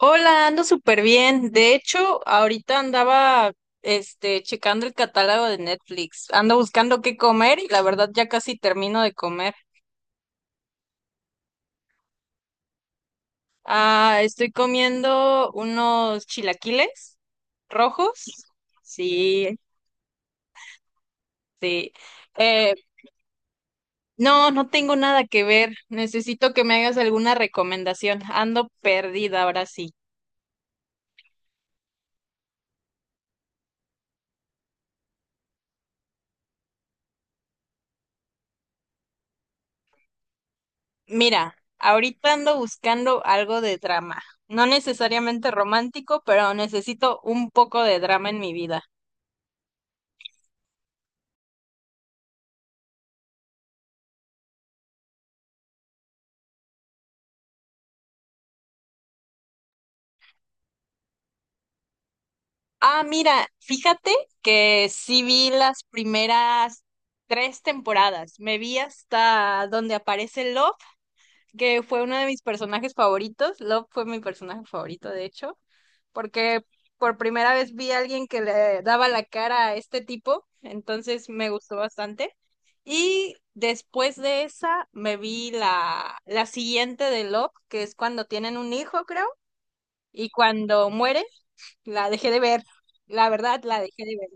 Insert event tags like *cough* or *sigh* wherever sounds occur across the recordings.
Hola, ando súper bien. De hecho, ahorita andaba, checando el catálogo de Netflix. Ando buscando qué comer y la verdad ya casi termino de comer. Ah, estoy comiendo unos chilaquiles rojos. Sí, sí. Eh, no, no tengo nada que ver. Necesito que me hagas alguna recomendación. Ando perdida ahora sí. Mira, ahorita ando buscando algo de drama. No necesariamente romántico, pero necesito un poco de drama en mi vida. Ah, mira, fíjate que sí vi las primeras tres temporadas. Me vi hasta donde aparece Love, que fue uno de mis personajes favoritos. Love fue mi personaje favorito, de hecho, porque por primera vez vi a alguien que le daba la cara a este tipo, entonces me gustó bastante. Y después de esa me vi la siguiente de Love, que es cuando tienen un hijo, creo, y cuando muere, la dejé de ver. La verdad, la dejé de ver.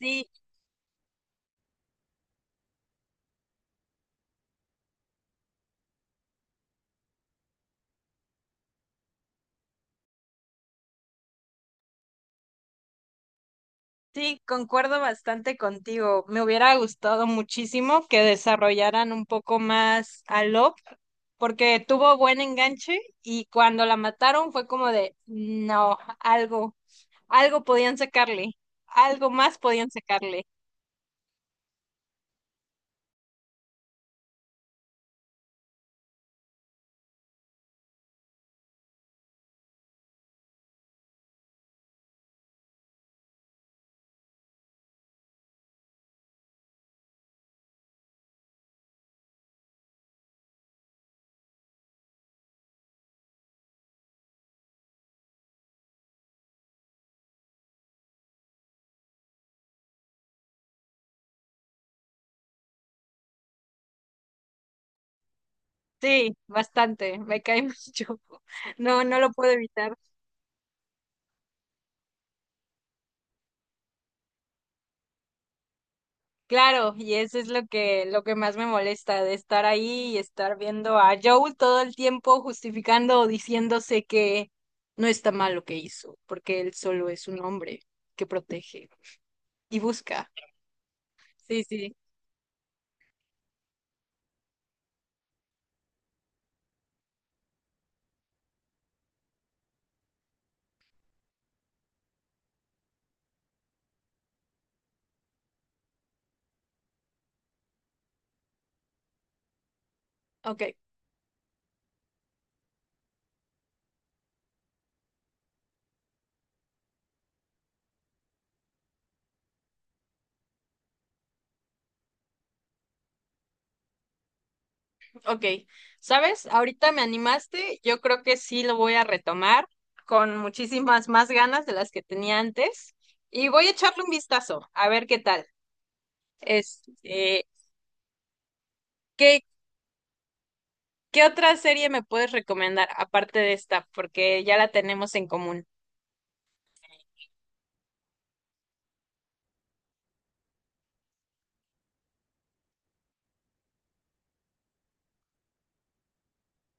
Sí, sí, concuerdo bastante contigo. Me hubiera gustado muchísimo que desarrollaran un poco más a Lop, porque tuvo buen enganche y cuando la mataron fue como de, no, algo, algo podían sacarle, algo más podían sacarle. Sí, bastante, me cae *laughs* mucho. No, no lo puedo evitar. Claro, y eso es lo que más me molesta, de estar ahí y estar viendo a Joel todo el tiempo justificando o diciéndose que no está mal lo que hizo, porque él solo es un hombre que protege y busca. Sí, sí. Ok, ok. ¿Sabes? Ahorita me animaste, yo creo que sí lo voy a retomar con muchísimas más ganas de las que tenía antes y voy a echarle un vistazo a ver qué tal. Este, qué. ¿Qué otra serie me puedes recomendar aparte de esta? Porque ya la tenemos en común.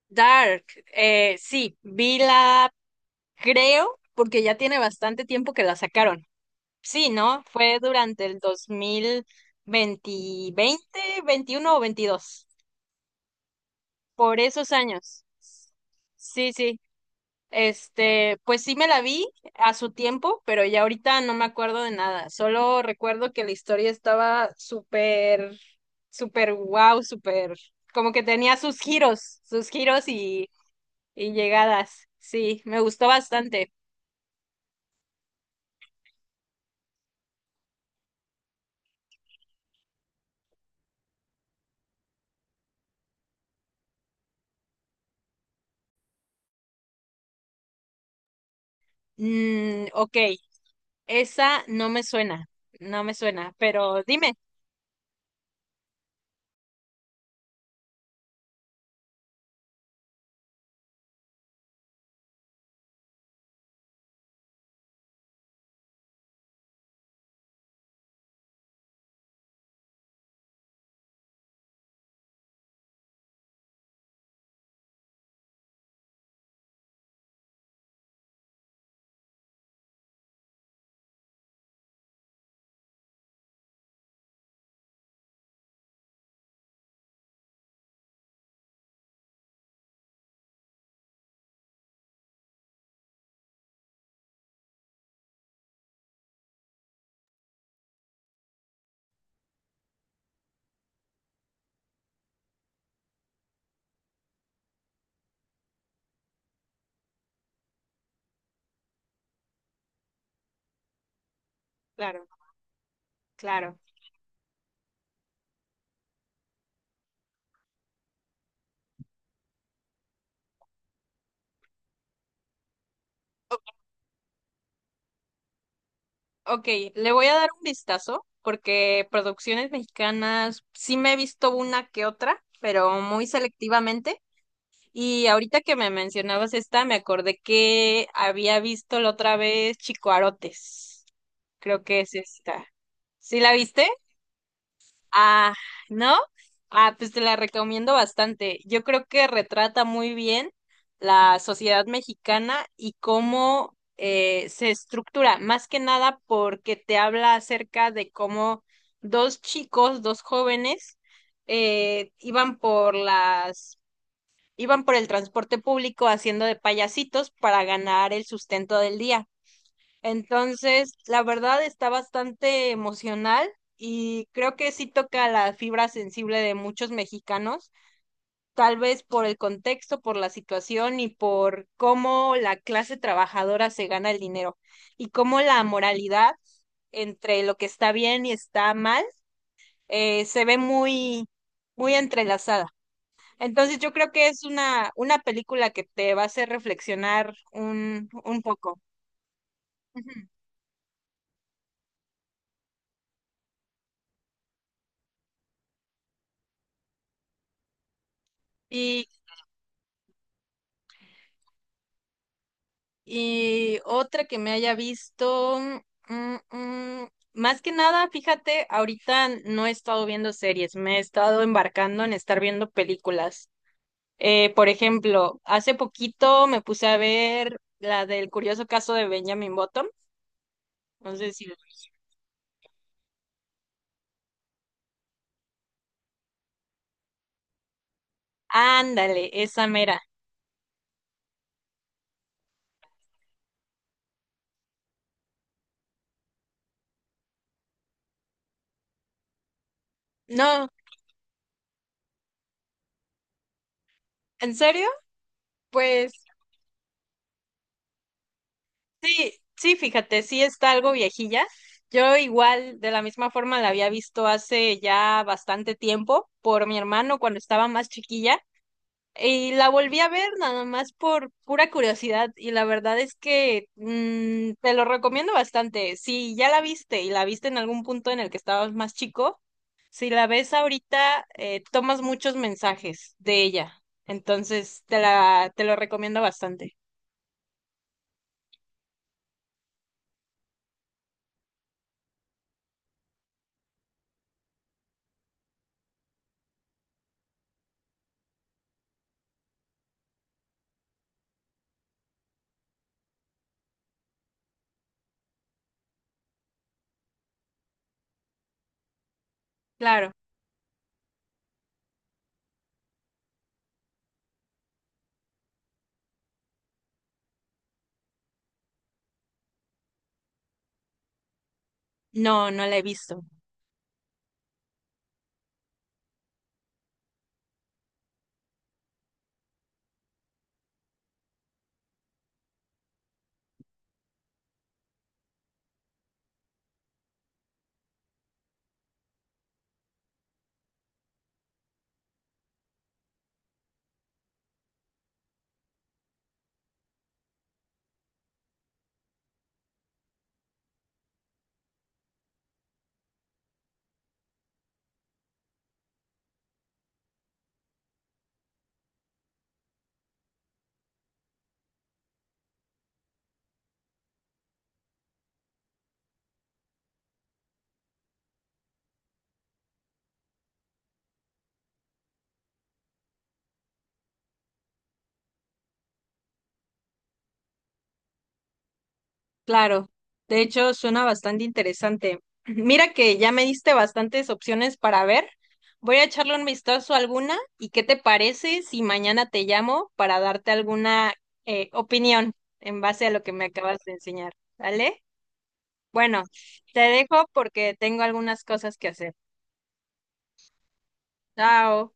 Dark, sí, vi la, creo, porque ya tiene bastante tiempo que la sacaron. Sí, ¿no? Fue durante el 2020, 20, 21 o 22, por esos años. Sí, sí. Este, pues sí me la vi a su tiempo, pero ya ahorita no me acuerdo de nada. Solo recuerdo que la historia estaba súper, súper wow, súper, como que tenía sus giros y llegadas. Sí, me gustó bastante. Mm, ok, esa no me suena, no me suena, pero dime. Claro, claro. Ok, le voy a dar un vistazo porque producciones mexicanas sí me he visto una que otra, pero muy selectivamente. Y ahorita que me mencionabas esta, me acordé que había visto la otra vez Chicoarotes. Creo que es esta. ¿Sí la viste? Ah, ¿no? Ah, pues te la recomiendo bastante. Yo creo que retrata muy bien la sociedad mexicana y cómo se estructura, más que nada porque te habla acerca de cómo dos chicos, dos jóvenes, iban por las, iban por el transporte público haciendo de payasitos para ganar el sustento del día. Entonces, la verdad está bastante emocional y creo que sí toca la fibra sensible de muchos mexicanos, tal vez por el contexto, por la situación y por cómo la clase trabajadora se gana el dinero y cómo la moralidad entre lo que está bien y está mal se ve muy, muy entrelazada. Entonces, yo creo que es una película que te va a hacer reflexionar un poco. Ujú. Y Y otra que me haya visto, mm, mm, más que nada, fíjate, ahorita no he estado viendo series, me he estado embarcando en estar viendo películas. Por ejemplo, hace poquito me puse a ver la del curioso caso de Benjamin Button. No sé si... Ándale, esa mera. No, ¿en serio? Pues sí, sí, fíjate, sí está algo viejilla. Yo igual, de la misma forma, la había visto hace ya bastante tiempo por mi hermano cuando estaba más chiquilla y la volví a ver nada más por pura curiosidad y la verdad es que te lo recomiendo bastante. Si ya la viste y la viste en algún punto en el que estabas más chico, si la ves ahorita, tomas muchos mensajes de ella. Entonces, te la, te lo recomiendo bastante. Claro, no, no la he visto. Claro, de hecho suena bastante interesante. *clears throat* Mira que ya me diste bastantes opciones para ver. Voy a echarle un vistazo a alguna y qué te parece si mañana te llamo para darte alguna opinión en base a lo que me acabas de enseñar. ¿Vale? Bueno, te dejo porque tengo algunas cosas que hacer. Chao.